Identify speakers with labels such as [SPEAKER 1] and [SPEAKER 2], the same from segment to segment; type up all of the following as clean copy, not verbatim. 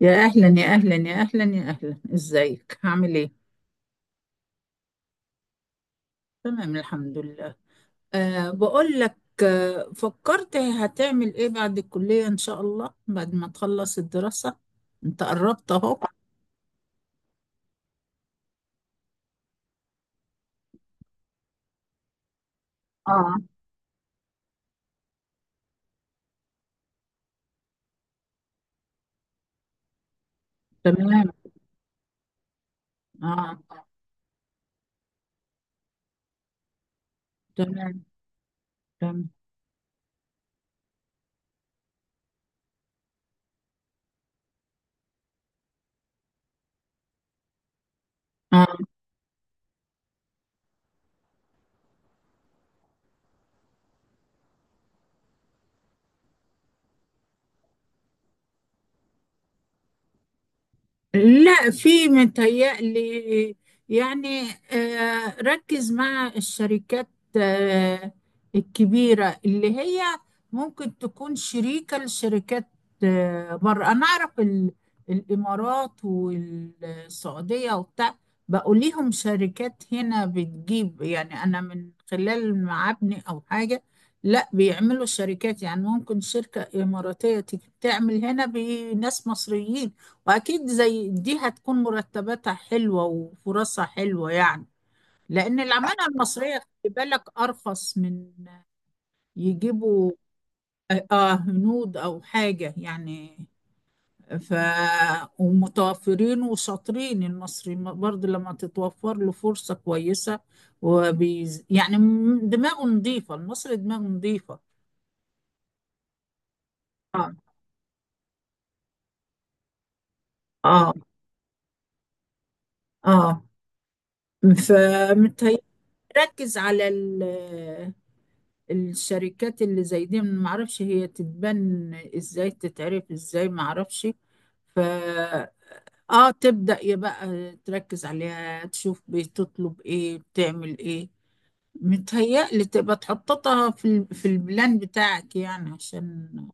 [SPEAKER 1] يا أهلا يا أهلا يا أهلا يا أهلا، إزيك عامل إيه؟ تمام، الحمد لله. بقول لك. فكرت هتعمل إيه بعد الكلية إن شاء الله بعد ما تخلص الدراسة؟ أنت قربت أهو. آه، تمام. آه، تمام تمام. آه، لا، في متهيألي يعني، ركز مع الشركات آه، الكبيرة اللي هي ممكن تكون شريكة لشركات. بره أنا أعرف الإمارات والسعودية وبتاع، بقوا ليهم شركات هنا بتجيب، يعني أنا من خلال معابني أو حاجة. لا، بيعملوا شركات، يعني ممكن شركة إماراتية تيجي تعمل هنا بناس مصريين، واكيد زي دي هتكون مرتباتها حلوة وفرصها حلوة يعني، لان العمالة المصرية خلي بالك ارخص من يجيبوا. هنود او حاجة يعني. ف ومتوفرين وشاطرين، المصري برضه لما تتوفر له فرصة كويسة يعني دماغه نظيفة، المصري دماغه نظيفة. اه، اه، اه، فمتهيألي يركز على الشركات اللي زي دي. ما اعرفش هي تتبن ازاي، تتعرف ازاي، ما اعرفش. ف اه تبدأ يبقى تركز عليها، تشوف بتطلب ايه بتعمل ايه. متهيألي تبقى تحططها في في البلان بتاعك يعني، عشان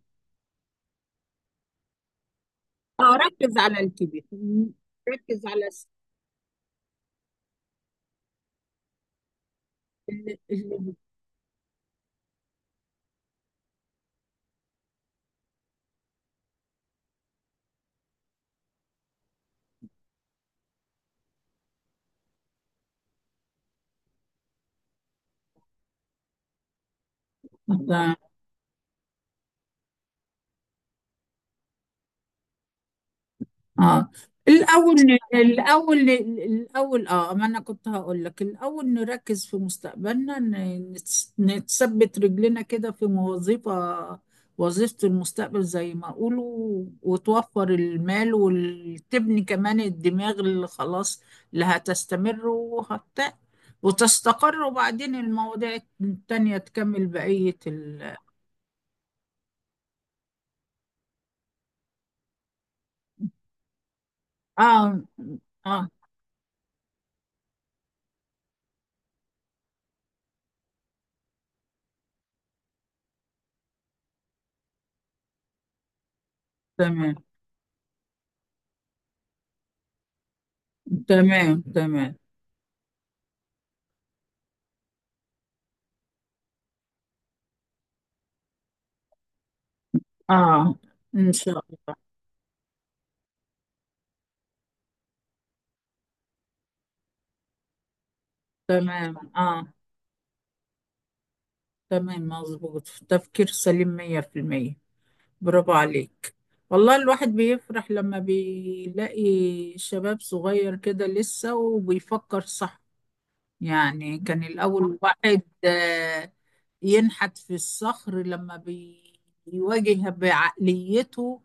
[SPEAKER 1] اه ركز على الكبير. ركز اللي اللي- اه الاول الاول الاول، ما انا كنت هقول لك الاول نركز في مستقبلنا، نتثبت رجلنا كده في وظيفة، وظيفة المستقبل زي ما اقولوا، وتوفر المال، وتبني كمان الدماغ اللي خلاص اللي هتستمر وتستقر، وبعدين المواضيع التانية تكمل بقية اه، اه، تمام تمام تمام، اه، ان شاء الله. تمام، تمام، مظبوط، تفكير سليم مية في المية، برافو عليك. والله الواحد بيفرح لما بيلاقي شباب صغير كده لسه وبيفكر صح. يعني كان الأول الواحد ينحت في الصخر لما بيواجه بعقليته.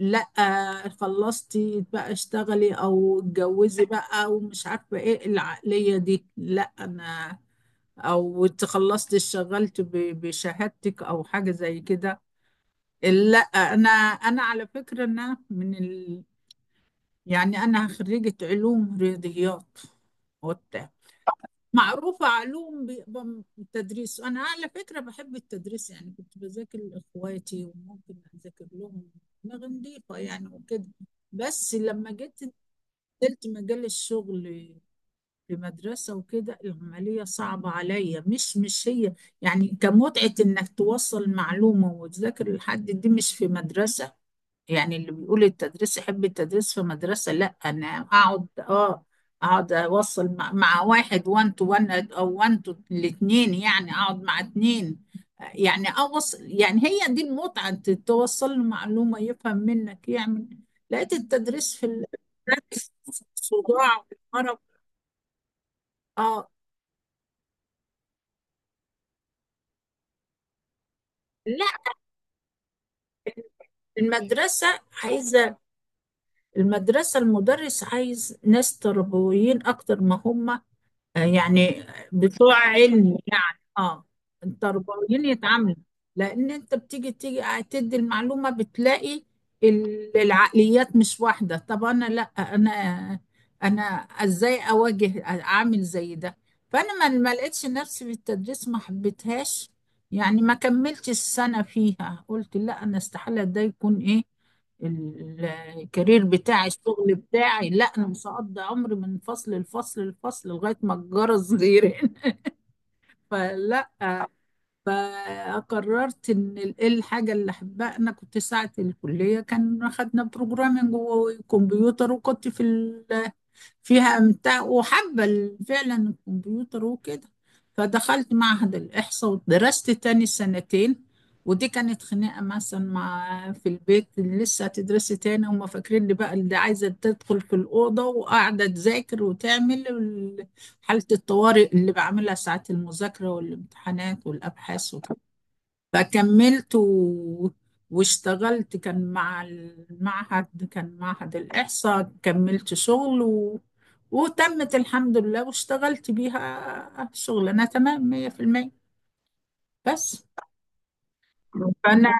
[SPEAKER 1] لا، خلصتي بقى اشتغلي او اتجوزي بقى، ومش عارفة ايه العقلية دي، لا انا، او اتخلصت اشتغلت بشهادتك او حاجه زي كده. لا انا، انا على فكره ان انا يعني انا خريجه علوم رياضيات وبتاع، معروفه علوم بيبقى التدريس. انا على فكره بحب التدريس يعني، كنت بذاكر لاخواتي وممكن اذاكر لهم دماغ نضيفه يعني وكده. بس لما جيت نزلت مجال الشغل في مدرسة وكده، العملية صعبة عليا، مش هي يعني كمتعة انك توصل معلومة وتذاكر لحد، دي مش في مدرسة. يعني اللي بيقول التدريس، يحب التدريس في مدرسة. لا انا اقعد اقعد اوصل مع واحد، وان تو وان او وان تو، الاتنين، يعني اقعد مع اتنين، يعني اوصل، يعني هي دي المتعة، انت توصل له معلومة يفهم منك يعمل. لقيت التدريس في صداع، وارق. اه، لا، المدرسة عايزة المدرس عايز ناس تربويين أكتر ما هم يعني بتوع علم يعني، التربويين يتعاملوا. لأن أنت تيجي تدي المعلومة بتلاقي العقليات مش واحدة. طب أنا لأ، أنا أنا إزاي أواجه، أعمل زي ده؟ فأنا ما لقيتش نفسي في التدريس، ما حبيتهاش يعني، ما كملتش السنة فيها، قلت لأ، أنا استحالة ده يكون إيه ال- الكارير بتاعي، الشغل بتاعي. لا انا مش هقضي عمري من فصل لفصل لفصل لغايه ما الجرس يرن فلا. فقررت ان إيه الحاجه اللي احبها. انا كنت ساعه الكليه، كان خدنا بروجرامنج وكمبيوتر، وكنت فيها أمتع وحابة فعلا الكمبيوتر وكده. فدخلت معهد الإحصاء ودرست تاني سنتين، ودي كانت خناقة مثلا مع في البيت، لسه هتدرسي تاني، هما فاكرين لي بقى اللي عايزة تدخل في الأوضة وقاعدة تذاكر وتعمل حالة الطوارئ اللي بعملها ساعات المذاكرة والامتحانات والأبحاث. فكملت واشتغلت، كان مع المعهد، كان معهد الإحصاء، كملت شغل وتمت الحمد لله، واشتغلت بيها شغلانة تمام مية في المية. بس، فأنا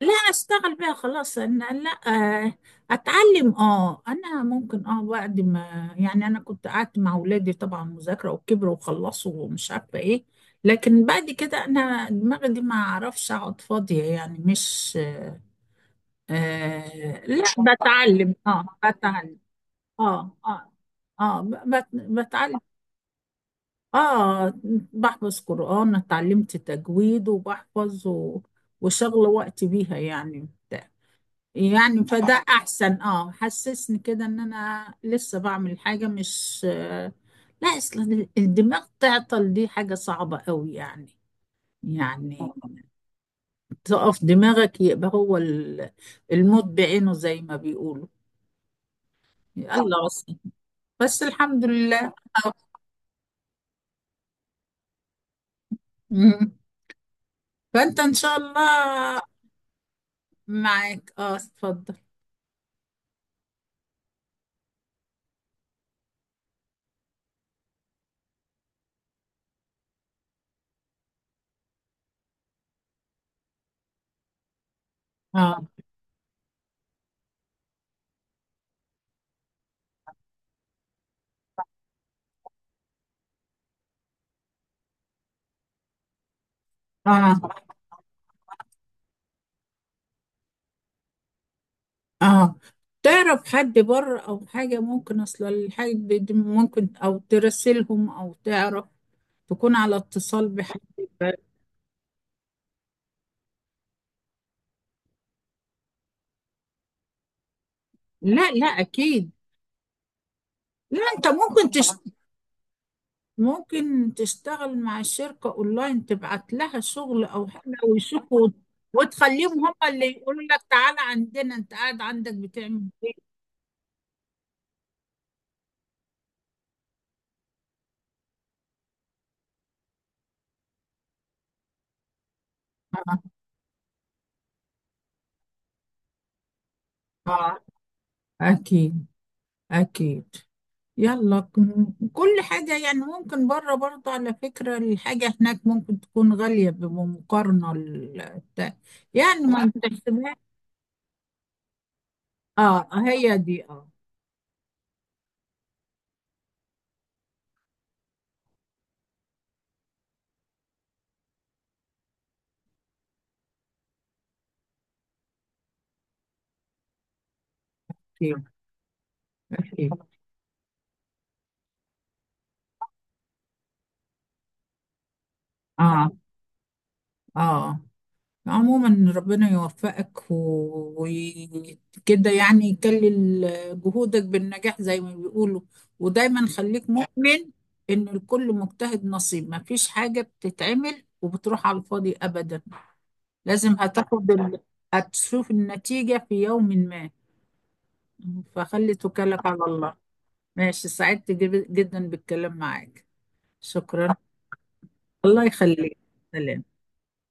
[SPEAKER 1] لا، أشتغل بيها خلاص أنا، لا. آه، أتعلم، أنا ممكن، بعد ما، يعني أنا كنت قعدت مع أولادي طبعا مذاكرة، وكبروا وخلصوا ومش عارفة إيه، لكن بعد كده أنا دماغي دي ما أعرفش أقعد فاضية يعني، مش لا. بتعلم، اه، اه، اه، بتعلم، اه، بحفظ قرآن، اتعلمت تجويد وبحفظ وشغل وقت بيها يعني بتاع. يعني فده احسن، اه، حسسني كده ان انا لسه بعمل حاجة، مش لا. اصلا الدماغ تعطل دي حاجة صعبة قوي يعني، يعني تقف دماغك، يبقى هو الموت بعينه زي ما بيقولوا. يلا، بس، بس الحمد لله. أهو. مم. فانت ان شاء الله معاك، اتفضل. اه، اه، اه، تعرف حد بره او حاجة، ممكن اصل الحاجة دي ممكن، او ترسلهم، او تعرف تكون على اتصال بحد ب- لا، لا، اكيد. لا انت ممكن تشتغل مع الشركة اونلاين، تبعت لها شغل او حاجة ويشوفوا، وتخليهم هم اللي يقولوا لك تعالى عندنا، انت قاعد عندك بتعمل ايه؟ اه، أكيد أكيد. يلا، كل حاجة يعني ممكن بره برضه، على فكرة الحاجة هناك ممكن تكون غالية بمقارنة يعني ما بتحسبها. اه هي دي، أكيد أكيد، اه، اه. عموما ربنا يوفقك وكده، يعني يكلل جهودك بالنجاح زي ما بيقولوا، ودايما خليك مؤمن إن الكل مجتهد نصيب، ما فيش حاجة بتتعمل وبتروح على الفاضي أبدا، لازم هتاخد هتشوف النتيجة في يوم ما، فخلي توكلك على الله. ماشي، سعدت جدا بالكلام معاك، شكرا. الله يخليك، سلام.